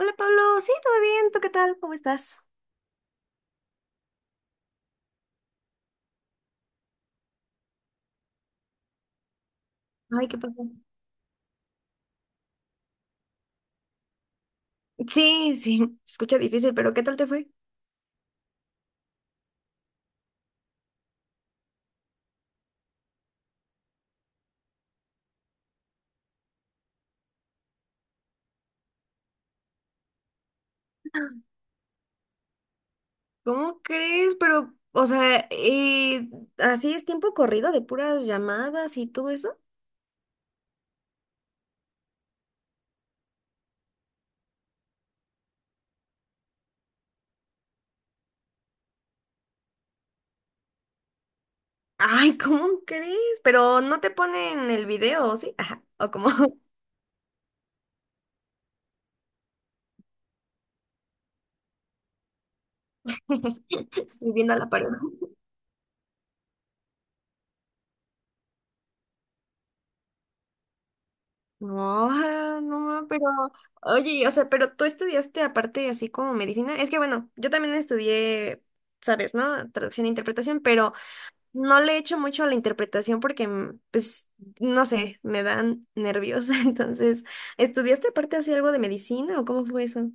Hola Pablo, sí, todo bien, ¿tú qué tal? ¿Cómo estás? Ay, ¿qué pasó? Sí, sí, se escucha difícil, pero ¿qué tal te fue? ¿Cómo crees? Pero, o sea, así es tiempo corrido de puras llamadas y todo eso. Ay, ¿cómo crees? Pero no te ponen el video, ¿sí? Ajá, o como estoy viendo a la pared. No, ah, no, pero, oye, o sea, pero tú estudiaste aparte así como medicina. Es que bueno, yo también estudié, sabes, ¿no? Traducción e interpretación, pero no le echo mucho a la interpretación porque, pues, no sé, me dan nervios. Entonces, ¿estudiaste aparte así algo de medicina o cómo fue eso?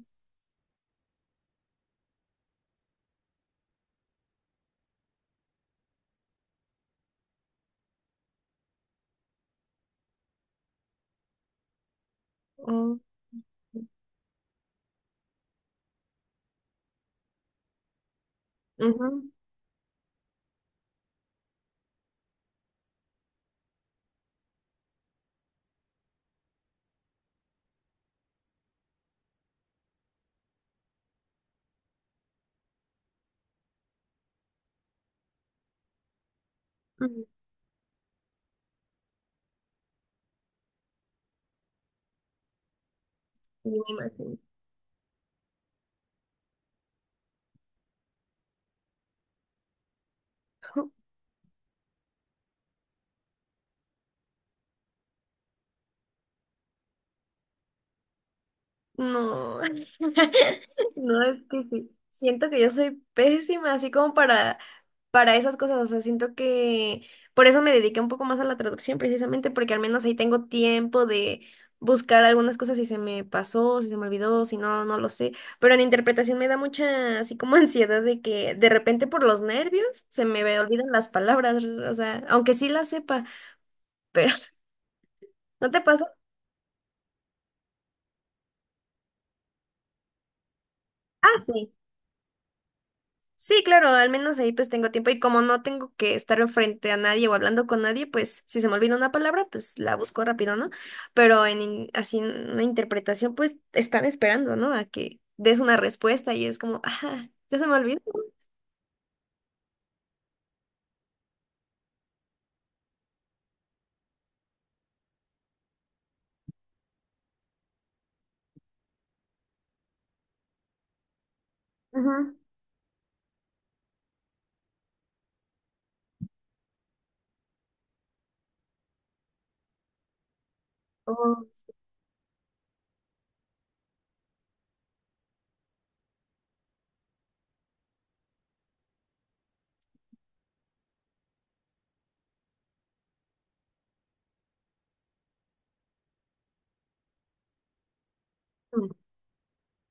Oh, ujú, ujú, y me imagino. No. No, es que sí. Siento que yo soy pésima, así como para esas cosas. O sea, siento que por eso me dediqué un poco más a la traducción, precisamente porque al menos ahí tengo tiempo de buscar algunas cosas si se me pasó, si se me olvidó, si no, no lo sé. Pero en interpretación me da mucha, así como ansiedad de que de repente por los nervios se me olvidan las palabras, o sea, aunque sí las sepa, pero ¿no te pasa? Ah, sí. Sí, claro, al menos ahí pues tengo tiempo y como no tengo que estar enfrente a nadie o hablando con nadie, pues si se me olvida una palabra, pues la busco rápido, ¿no? Pero en así en una interpretación, pues están esperando, ¿no? A que des una respuesta y es como, ah, ya se me olvidó. Ujú. Oh, sí.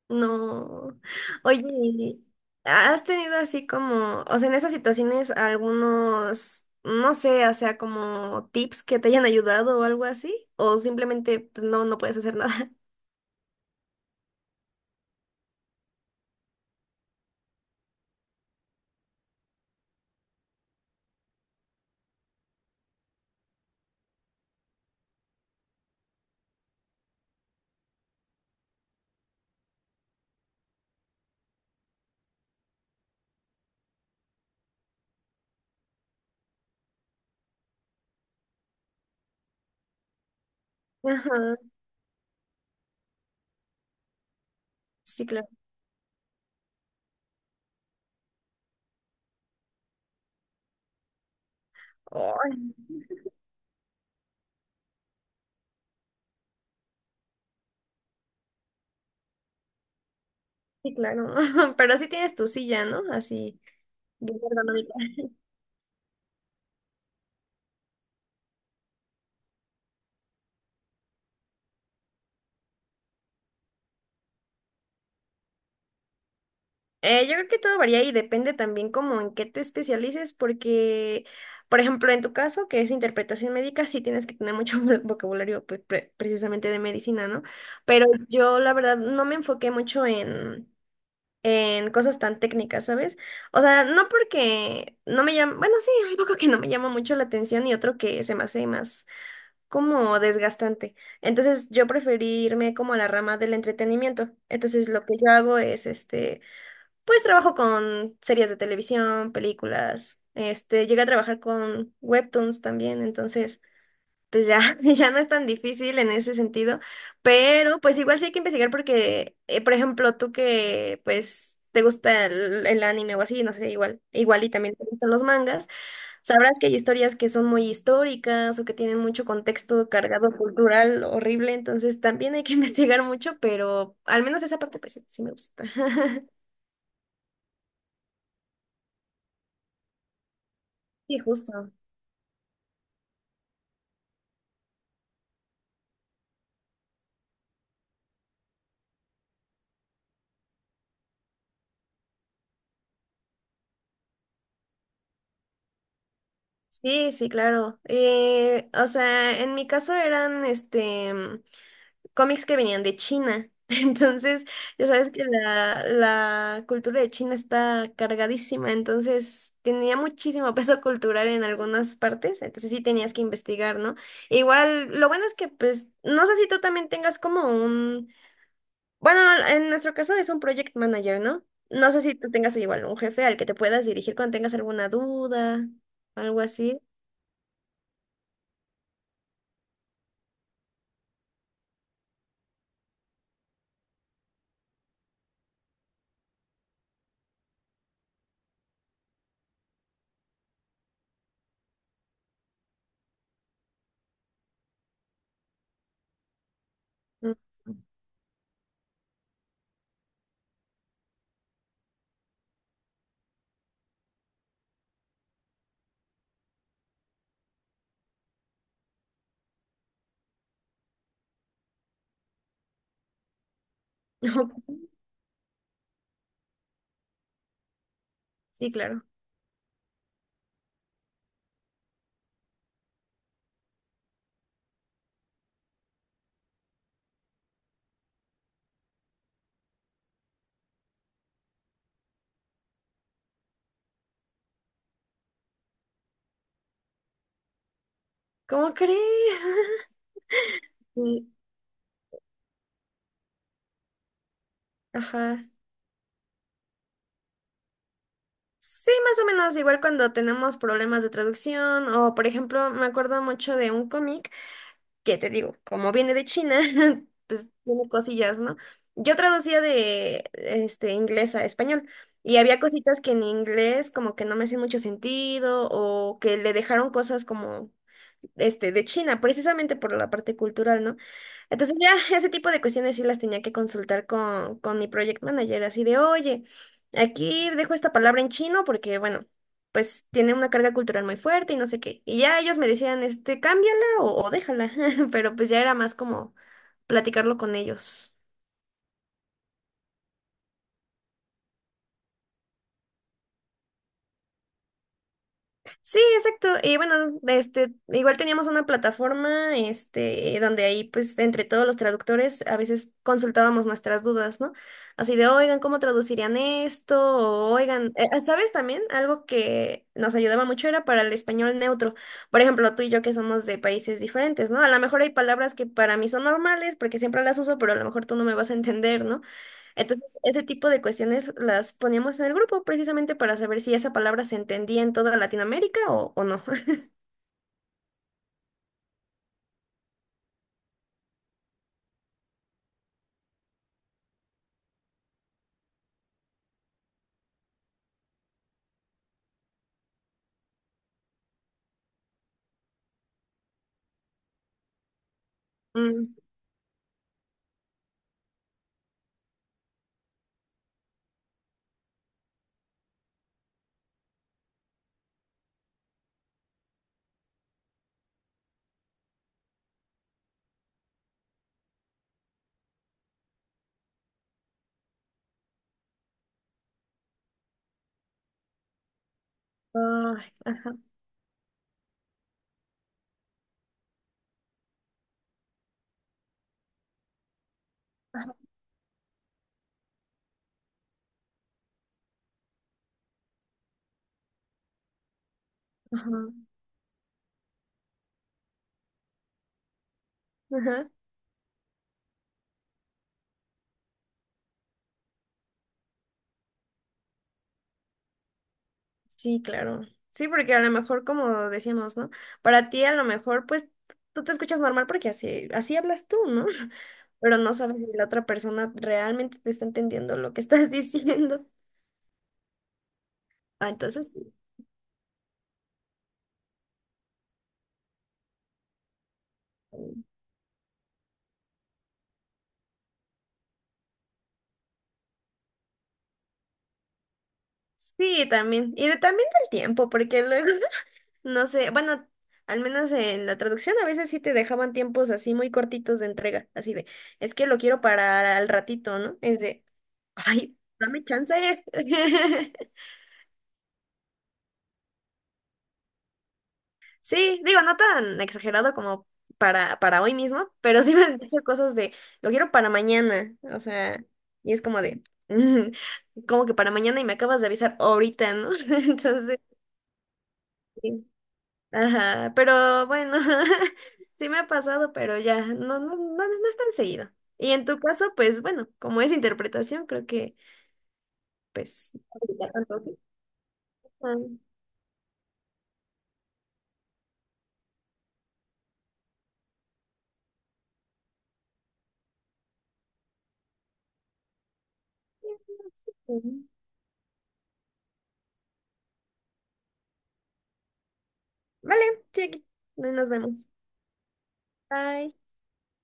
No. Oye, ¿has tenido así como, o sea, en esas situaciones algunos, no sé, o sea, como tips que te hayan ayudado o algo así? ¿O simplemente pues no, no puedes hacer nada? Ajá, sí, claro. Ay, sí, claro. Pero así tienes tu silla, ¿no? Así, bien ergonómica. Yo creo que todo varía y depende también como en qué te especialices, porque, por ejemplo, en tu caso, que es interpretación médica, sí tienes que tener mucho vocabulario pues, precisamente de medicina, ¿no? Pero yo, la verdad, no me enfoqué mucho en cosas tan técnicas, ¿sabes? O sea, no porque no me llama, bueno, sí, un poco que no me llama mucho la atención y otro que se me hace más, como desgastante. Entonces yo preferí irme como a la rama del entretenimiento. Entonces lo que yo hago es, este, pues trabajo con series de televisión, películas, este, llegué a trabajar con webtoons también, entonces pues ya, ya no es tan difícil en ese sentido, pero pues igual sí hay que investigar porque, por ejemplo, tú que pues te gusta el anime o así, no sé, igual y también te gustan los mangas. Sabrás que hay historias que son muy históricas o que tienen mucho contexto cargado cultural horrible, entonces también hay que investigar mucho, pero al menos esa parte pues sí, sí me gusta. Sí, justo. Sí, sí, claro. O sea, en mi caso eran este cómics que venían de China. Entonces, ya sabes que la cultura de China está cargadísima, entonces tenía muchísimo peso cultural en algunas partes, entonces sí tenías que investigar, ¿no? E igual, lo bueno es que, pues, no sé si tú también tengas como un, bueno, en nuestro caso es un project manager, ¿no? No sé si tú tengas igual un jefe al que te puedas dirigir cuando tengas alguna duda, algo así. Mm. Sí, claro. ¿Cómo crees? Sí, ajá. Sí, más o menos igual cuando tenemos problemas de traducción o, por ejemplo, me acuerdo mucho de un cómic que te digo, como viene de China, pues tiene cosillas, ¿no? Yo traducía de este inglés a español y había cositas que en inglés como que no me hacían mucho sentido o que le dejaron cosas como este, de China, precisamente por la parte cultural, ¿no? Entonces ya ese tipo de cuestiones sí las tenía que consultar con, mi project manager, así de, oye, aquí dejo esta palabra en chino porque, bueno, pues tiene una carga cultural muy fuerte y no sé qué. Y ya ellos me decían, este, cámbiala o déjala, pero pues ya era más como platicarlo con ellos. Sí, exacto. Y bueno, este, igual teníamos una plataforma, este, donde ahí, pues, entre todos los traductores, a veces consultábamos nuestras dudas, ¿no? Así de, oigan, ¿cómo traducirían esto? O, oigan, ah, ¿sabes también? Algo que nos ayudaba mucho era para el español neutro. Por ejemplo, tú y yo que somos de países diferentes, ¿no? A lo mejor hay palabras que para mí son normales, porque siempre las uso, pero a lo mejor tú no me vas a entender, ¿no? Entonces, ese tipo de cuestiones las poníamos en el grupo precisamente para saber si esa palabra se entendía en toda Latinoamérica o, no. Mm, ay, ajá, ajá, ajá. Sí, claro. Sí, porque a lo mejor, como decíamos, ¿no? Para ti a lo mejor, pues, tú te escuchas normal porque así, así hablas tú, ¿no? Pero no sabes si la otra persona realmente te está entendiendo lo que estás diciendo. Ah, entonces, sí, también. Y también del tiempo, porque luego no sé, bueno, al menos en la traducción a veces sí te dejaban tiempos así muy cortitos de entrega, así de, es que lo quiero para al ratito, ¿no? Es de, ay, dame chance. Sí, digo, no tan exagerado como para, hoy mismo, pero sí me han dicho cosas de, lo quiero para mañana, o sea, y es como de, como que para mañana y me acabas de avisar ahorita, ¿no? Entonces, sí. Ajá, pero bueno, sí me ha pasado, pero ya, no, no, no, no es tan seguido. Y en tu caso, pues bueno, como es interpretación, creo que, pues, no aplica tanto, ¿sí? Ah, sí. Vale, sí, aquí. Nos vemos. Bye.